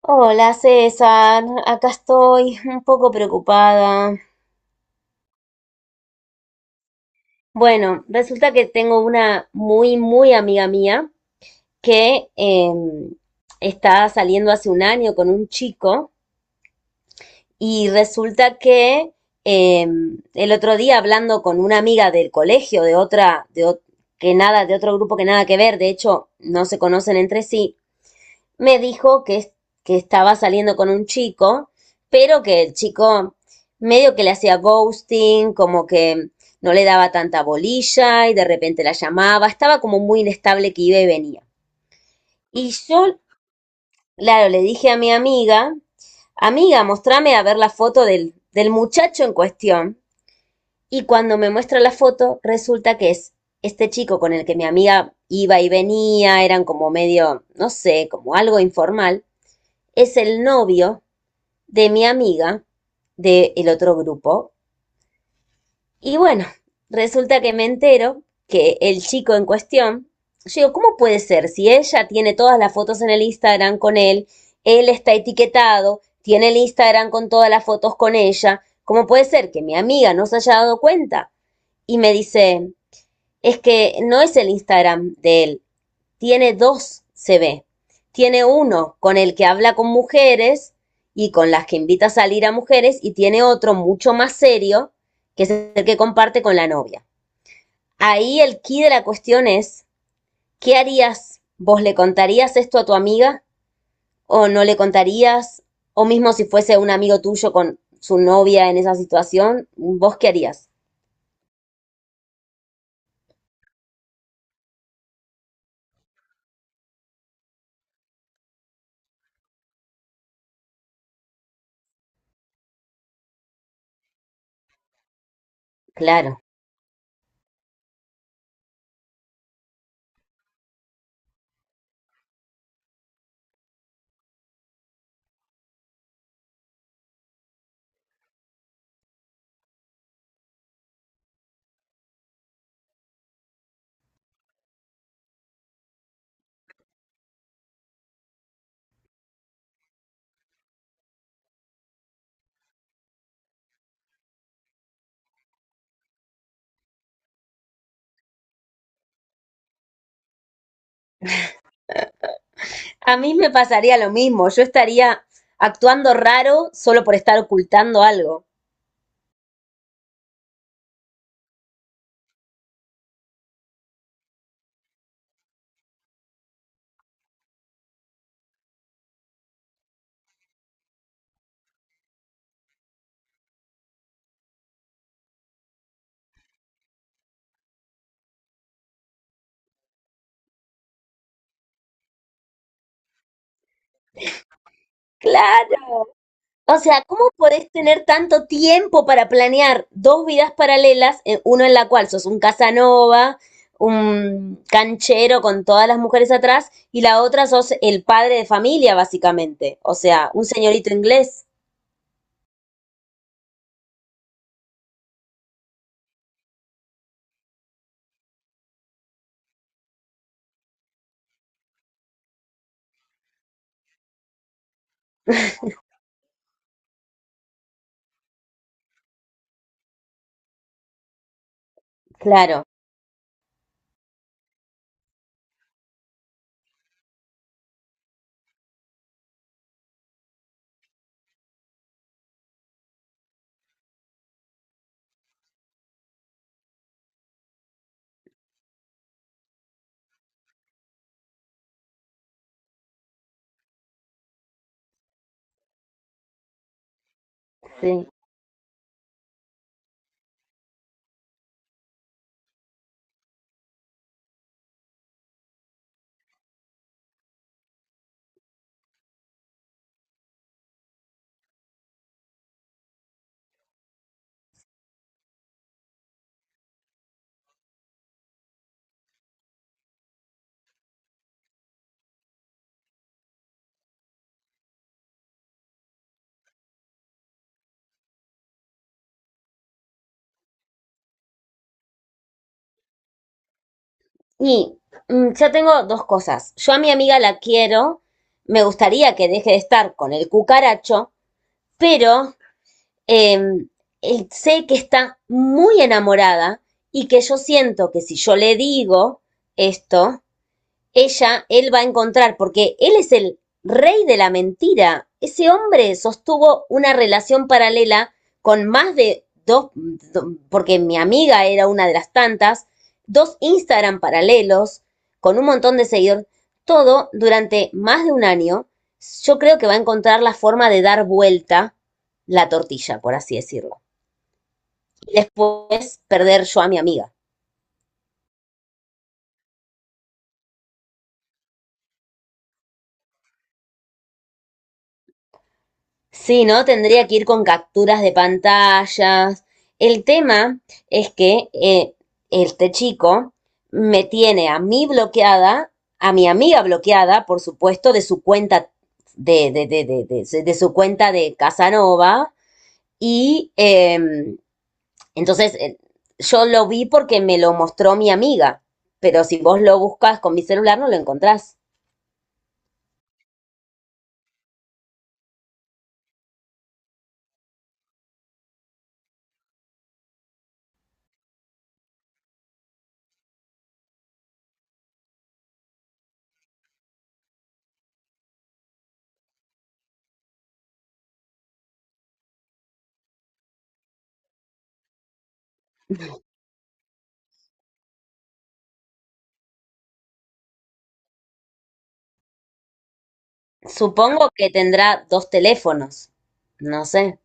Hola César, acá estoy un poco preocupada. Bueno, resulta que tengo una muy, muy amiga mía que está saliendo hace un año con un chico y resulta que el otro día hablando con una amiga del colegio, de otra, que nada, de otro grupo que nada que ver, de hecho no se conocen entre sí, me dijo que, que estaba saliendo con un chico, pero que el chico medio que le hacía ghosting, como que no le daba tanta bolilla y de repente la llamaba, estaba como muy inestable que iba y venía. Y yo, claro, le dije a mi amiga, amiga, mostrame a ver la foto del muchacho en cuestión. Y cuando me muestra la foto, resulta que es este chico con el que mi amiga iba y venía, eran como medio, no sé, como algo informal, es el novio de mi amiga del otro grupo. Y bueno, resulta que me entero que el chico en cuestión, yo digo, ¿cómo puede ser? Si ella tiene todas las fotos en el Instagram con él, él está etiquetado, tiene el Instagram con todas las fotos con ella, ¿cómo puede ser que mi amiga no se haya dado cuenta? Y me dice, es que no es el Instagram de él, tiene dos, se ve. Tiene uno con el que habla con mujeres y con las que invita a salir a mujeres y tiene otro mucho más serio, que es el que comparte con la novia. Ahí el key de la cuestión es, ¿qué harías? ¿Vos le contarías esto a tu amiga o no le contarías? O mismo si fuese un amigo tuyo con su novia en esa situación, ¿vos qué harías? Claro. A mí me pasaría lo mismo, yo estaría actuando raro solo por estar ocultando algo. Claro. O sea, ¿cómo podés tener tanto tiempo para planear dos vidas paralelas, uno en la cual sos un Casanova, un canchero con todas las mujeres atrás, y la otra sos el padre de familia, básicamente? O sea, un señorito inglés. Claro, sí. Y yo tengo dos cosas. Yo a mi amiga la quiero, me gustaría que deje de estar con el cucaracho, pero eh, sé que está muy enamorada y que yo siento que si yo le digo esto, ella, él va a encontrar, porque él es el rey de la mentira. Ese hombre sostuvo una relación paralela con más de dos, porque mi amiga era una de las tantas, dos Instagram paralelos, con un montón de seguidores, todo durante más de un año. Yo creo que va a encontrar la forma de dar vuelta la tortilla, por así decirlo. Y después perder yo a mi amiga. Sí, ¿no? Tendría que ir con capturas de pantallas. El tema es que este chico me tiene a mí bloqueada, a mi amiga bloqueada, por supuesto, de su cuenta de su cuenta de Casanova. Y entonces eh, yo lo vi porque me lo mostró mi amiga. Pero si vos lo buscas con mi celular, no lo encontrás. Supongo que tendrá dos teléfonos. No sé.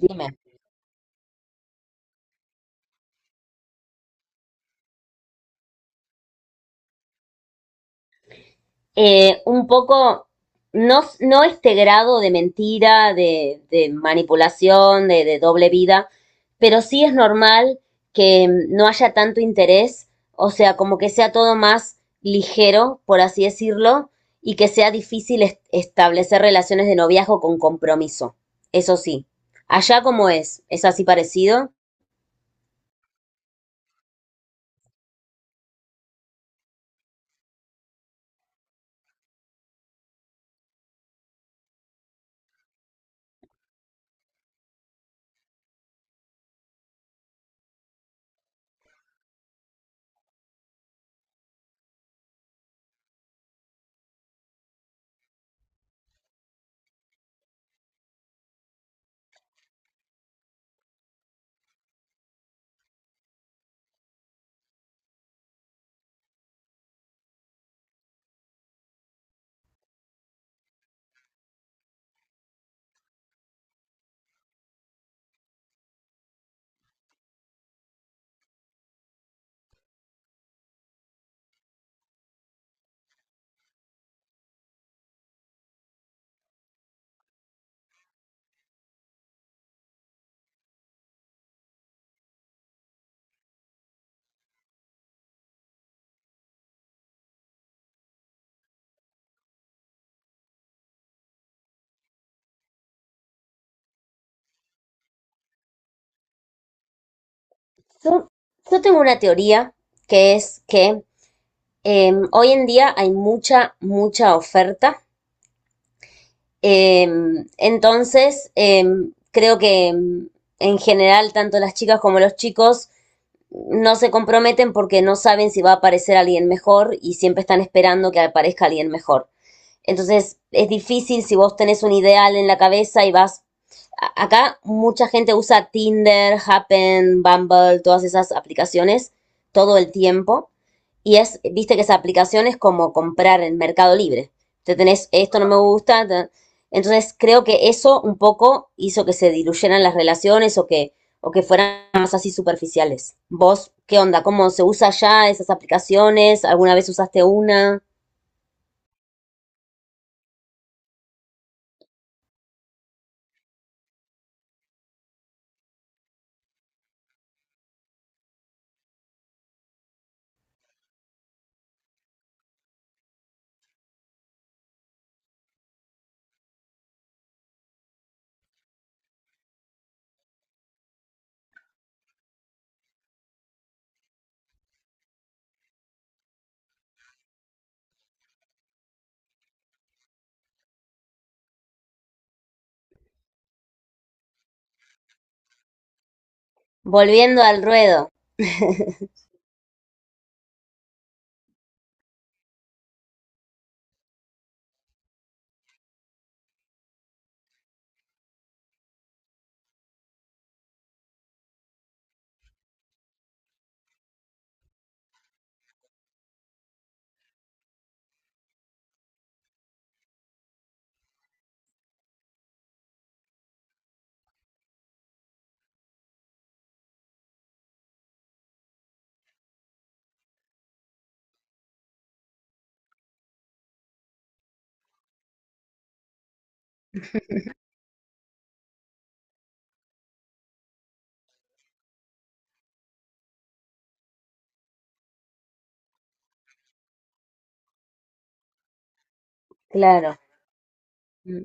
Dime. Un poco, no, no este grado de mentira, de manipulación, de doble vida, pero sí es normal que no haya tanto interés, o sea, como que sea todo más ligero, por así decirlo, y que sea difícil establecer relaciones de noviazgo con compromiso. Eso sí. Allá como es así parecido. Yo, yo tengo una teoría que es que hoy en día hay mucha, mucha oferta. Eh, entonces, eh, creo que en general, tanto las chicas como los chicos no se comprometen porque no saben si va a aparecer alguien mejor y siempre están esperando que aparezca alguien mejor. Entonces es difícil si vos tenés un ideal en la cabeza y vas... Acá mucha gente usa Tinder, Happen, Bumble, todas esas aplicaciones todo el tiempo. Y es, viste que esa aplicación es como comprar en Mercado Libre. Te tenés, esto no me gusta. Entonces creo que eso un poco hizo que se diluyeran las relaciones o que fueran más así superficiales. ¿Vos qué onda? ¿Cómo se usa ya esas aplicaciones? ¿Alguna vez usaste una? Volviendo al ruedo. Claro. Mm.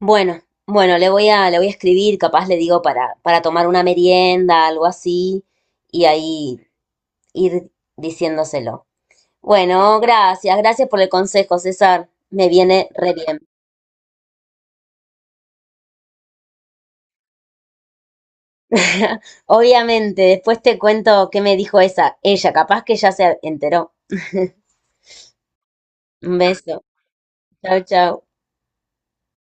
Bueno, bueno, le voy a escribir, capaz le digo para tomar una merienda, algo así, y ahí ir diciéndoselo. Bueno, gracias, gracias por el consejo, César. Me viene re bien. Obviamente, después te cuento qué me dijo esa, ella, capaz que ya se enteró. Un beso. Chao, chao.